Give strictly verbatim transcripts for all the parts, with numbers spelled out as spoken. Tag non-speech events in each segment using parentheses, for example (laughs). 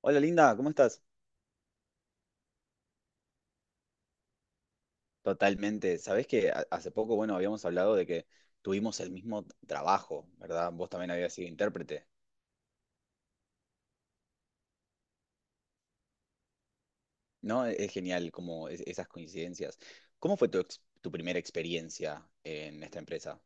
Hola Linda, ¿cómo estás? Totalmente. Sabés que ha- hace poco, bueno, habíamos hablado de que tuvimos el mismo trabajo, ¿verdad? Vos también habías sido intérprete, ¿no? E- Es genial como es- esas coincidencias. ¿Cómo fue tu, ex- tu primera experiencia en esta empresa?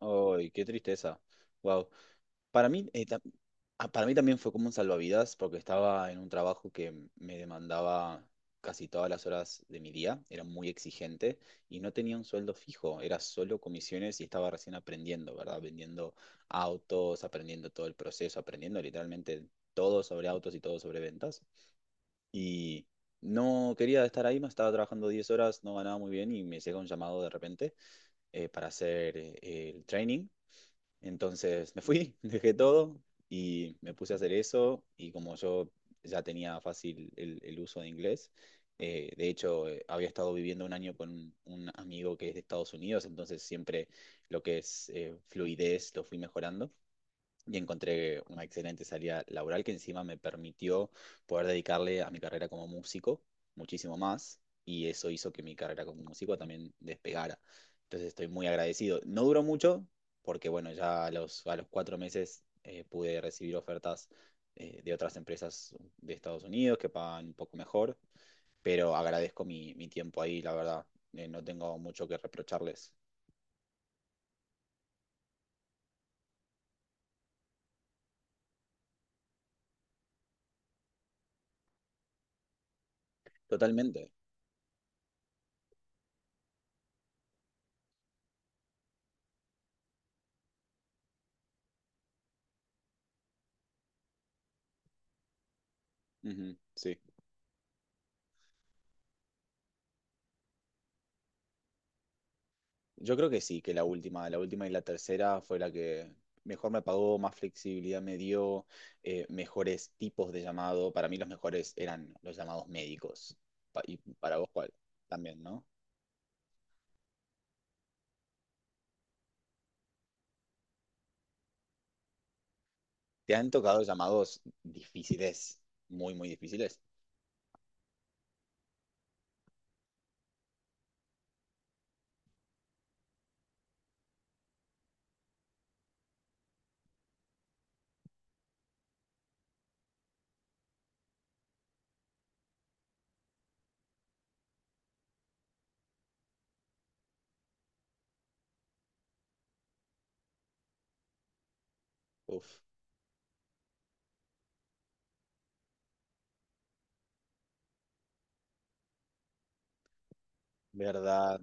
¡Ay, qué tristeza! Wow. Para mí, eh, ta- ah, para mí también fue como un salvavidas porque estaba en un trabajo que m- me demandaba casi todas las horas de mi día, era muy exigente y no tenía un sueldo fijo, era solo comisiones y estaba recién aprendiendo, ¿verdad? Vendiendo autos, aprendiendo todo el proceso, aprendiendo literalmente todo sobre autos y todo sobre ventas. Y no quería estar ahí, me estaba trabajando diez horas, no ganaba muy bien y me llega un llamado de repente eh, para hacer eh, el training. Entonces me fui, (laughs) dejé todo y me puse a hacer eso, y como yo ya tenía fácil el, el uso de inglés, eh, de hecho, eh, había estado viviendo un año con un, un amigo que es de Estados Unidos. Entonces siempre lo que es eh, fluidez lo fui mejorando, y encontré una excelente salida laboral que encima me permitió poder dedicarle a mi carrera como músico muchísimo más, y eso hizo que mi carrera como músico también despegara. Entonces estoy muy agradecido. No duró mucho porque, bueno, ya a los, a los cuatro meses eh, pude recibir ofertas eh, de otras empresas de Estados Unidos que pagan un poco mejor, pero agradezco mi, mi tiempo ahí, la verdad. Eh, no tengo mucho que reprocharles. Totalmente. Ujú, sí. Yo creo que sí, que la última, la última y la tercera fue la que mejor me pagó, más flexibilidad me dio, eh, mejores tipos de llamado. Para mí los mejores eran los llamados médicos. Pa- y para vos, ¿cuál? También, ¿no? ¿Te han tocado llamados difíciles? Muy, muy difíciles. Uf, ¿verdad?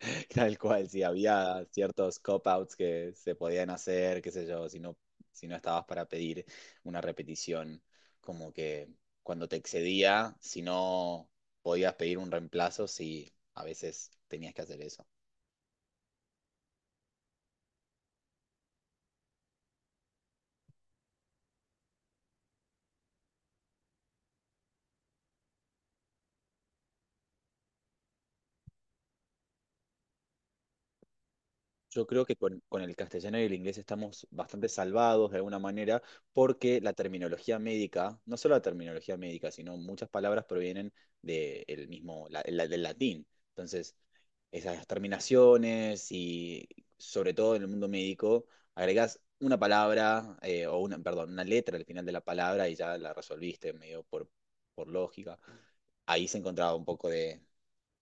(laughs) Tal cual, sí, había ciertos cop-outs que se podían hacer, qué sé yo, si no, si no estabas para pedir una repetición, como que cuando te excedía, si no podías pedir un reemplazo, sí, a veces tenías que hacer eso. Yo creo que con, con el castellano y el inglés estamos bastante salvados de alguna manera porque la terminología médica, no solo la terminología médica, sino muchas palabras provienen de el mismo, la- la- del latín. Entonces, esas terminaciones y sobre todo en el mundo médico, agregás una palabra eh, o una, perdón, una letra al final de la palabra y ya la resolviste medio por, por lógica. Ahí se encontraba un poco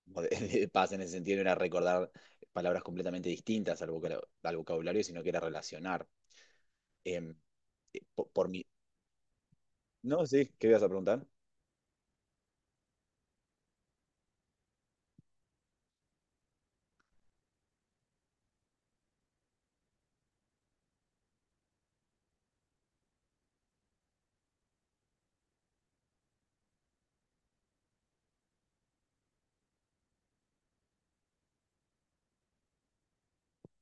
como de, (laughs) de paz en el sentido de no era recordar palabras completamente distintas al, vocabulario, al vocabulario, sino que era relacionar. Em, eh, po- por, mi... No, sí, ¿qué ibas a preguntar?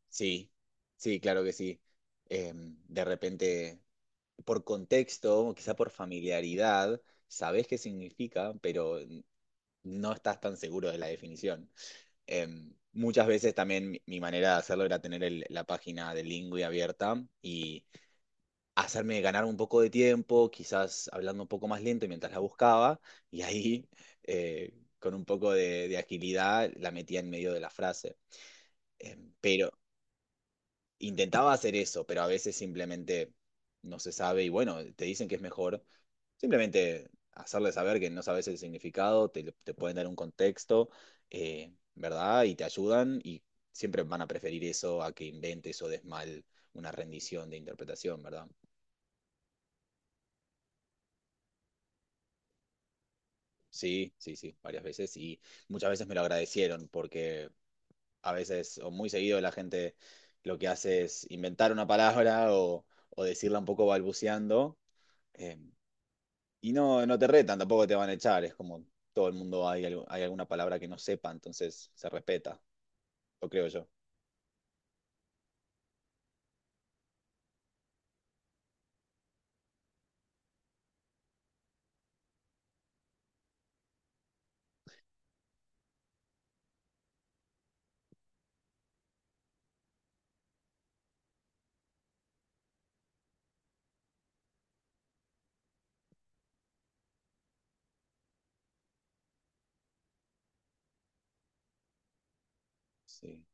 Sí, sí, claro que sí. Em, de repente, por contexto, quizá por familiaridad, sabes qué significa, pero no estás tan seguro de la definición. Em, muchas veces también mi, mi manera de hacerlo era tener el- la página de Lingui abierta, y hacerme ganar un poco de tiempo, quizás hablando un poco más lento mientras la buscaba, y ahí (laughs) eh, con un poco de, de agilidad la metía en medio de la frase. Eh, pero intentaba hacer eso, pero a veces simplemente no se sabe y, bueno, te dicen que es mejor simplemente hacerle saber que no sabes el significado, te, te pueden dar un contexto, eh, ¿verdad? Y te ayudan, y siempre van a preferir eso a que inventes o des mal una rendición de interpretación, ¿verdad? Sí, sí, sí, varias veces, y muchas veces me lo agradecieron porque a veces, o muy seguido, la gente lo que hace es inventar una palabra o, o decirla un poco balbuceando. eh, y no, no te retan, tampoco te van a echar. Es como, todo el mundo hay, algo- hay alguna palabra que no sepa, entonces se respeta, lo creo yo. Sí.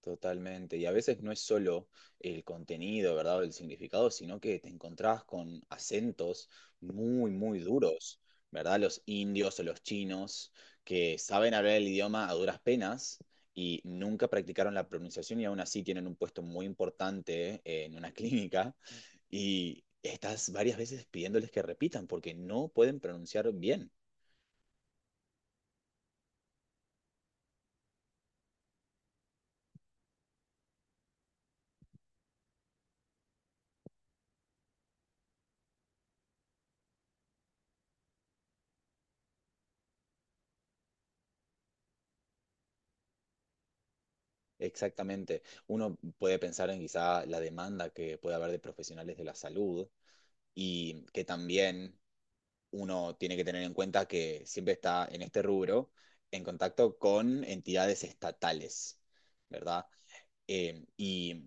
Totalmente. Y a veces no es solo el contenido, ¿verdad? O el significado, sino que te encontrás con acentos muy, muy duros, ¿verdad? Los indios o los chinos, que saben hablar el idioma a duras penas y nunca practicaron la pronunciación, y aún así tienen un puesto muy importante en una (laughs) clínica, y estás varias veces pidiéndoles que repitan porque no pueden pronunciar bien. Exactamente. Uno puede pensar en quizá la demanda que puede haber de profesionales de la salud, y que también uno tiene que tener en cuenta que siempre está en este rubro en contacto con entidades estatales, ¿verdad? Eh, y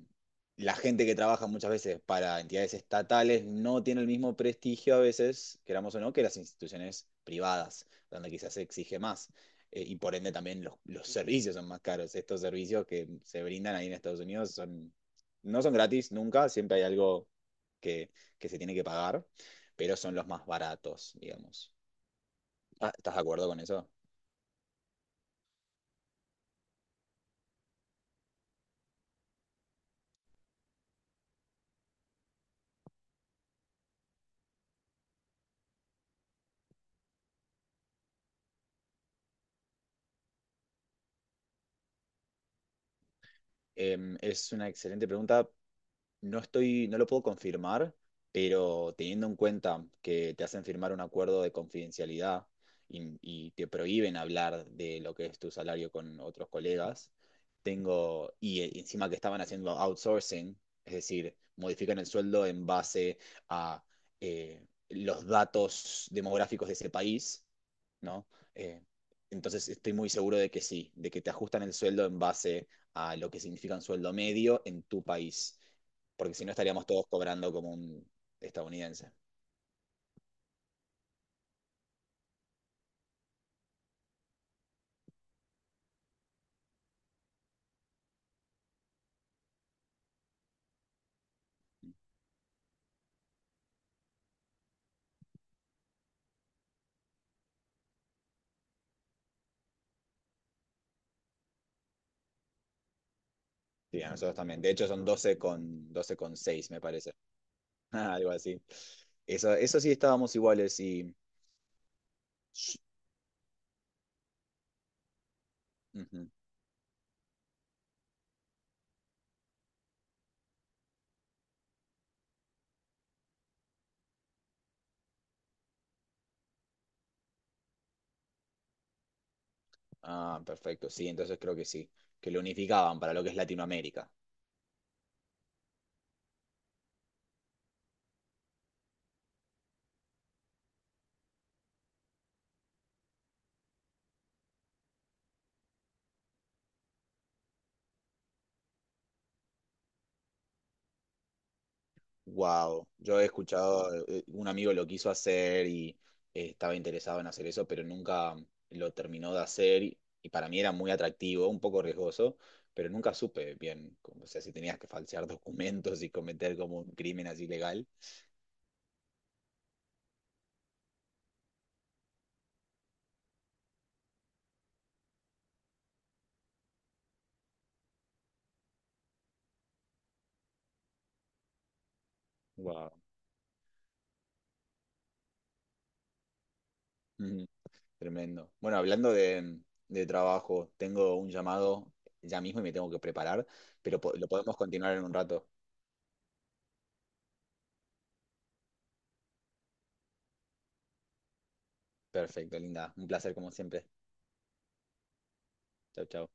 la gente que trabaja muchas veces para entidades estatales no tiene el mismo prestigio, a veces, queramos o no, que las instituciones privadas, donde quizás se exige más. Eh, y por ende también los, los servicios son más caros. Estos servicios que se brindan ahí en Estados Unidos son, no son gratis nunca, siempre hay algo que, que se tiene que pagar, pero son los más baratos, digamos. Ah, ¿estás de acuerdo con eso? Em, es una excelente pregunta. No estoy, no lo puedo confirmar, pero teniendo en cuenta que te hacen firmar un acuerdo de confidencialidad y, y te prohíben hablar de lo que es tu salario con otros colegas, tengo, y e- encima que estaban haciendo outsourcing, es decir, modifican el sueldo en base a eh, los datos demográficos de ese país, ¿no? Eh, entonces estoy muy seguro de que sí, de que te ajustan el sueldo en base a lo que significa un sueldo medio en tu país, porque si no estaríamos todos cobrando como un estadounidense. Sí, a nosotros también. De hecho, son doce con, doce con seis, me parece. (laughs) Algo así. Eso, eso sí estábamos iguales y... Ujú. Ah, perfecto. Sí, entonces creo que sí. Que lo unificaban para lo que es Latinoamérica. Wow, yo he escuchado, eh, eh, un amigo lo quiso hacer y eh, estaba interesado en hacer eso, pero nunca lo terminó de hacer, y, y para mí era muy atractivo, un poco riesgoso, pero nunca supe bien, como- o sea, si tenías que falsear (laughs) documentos y cometer como un crimen así legal. Wow. Ujú. Tremendo. Bueno, hablando de, de trabajo, tengo un llamado ya mismo y me tengo que preparar, pero po- lo podemos continuar en un rato. Perfecto, linda. Un placer como siempre. Chau, chau.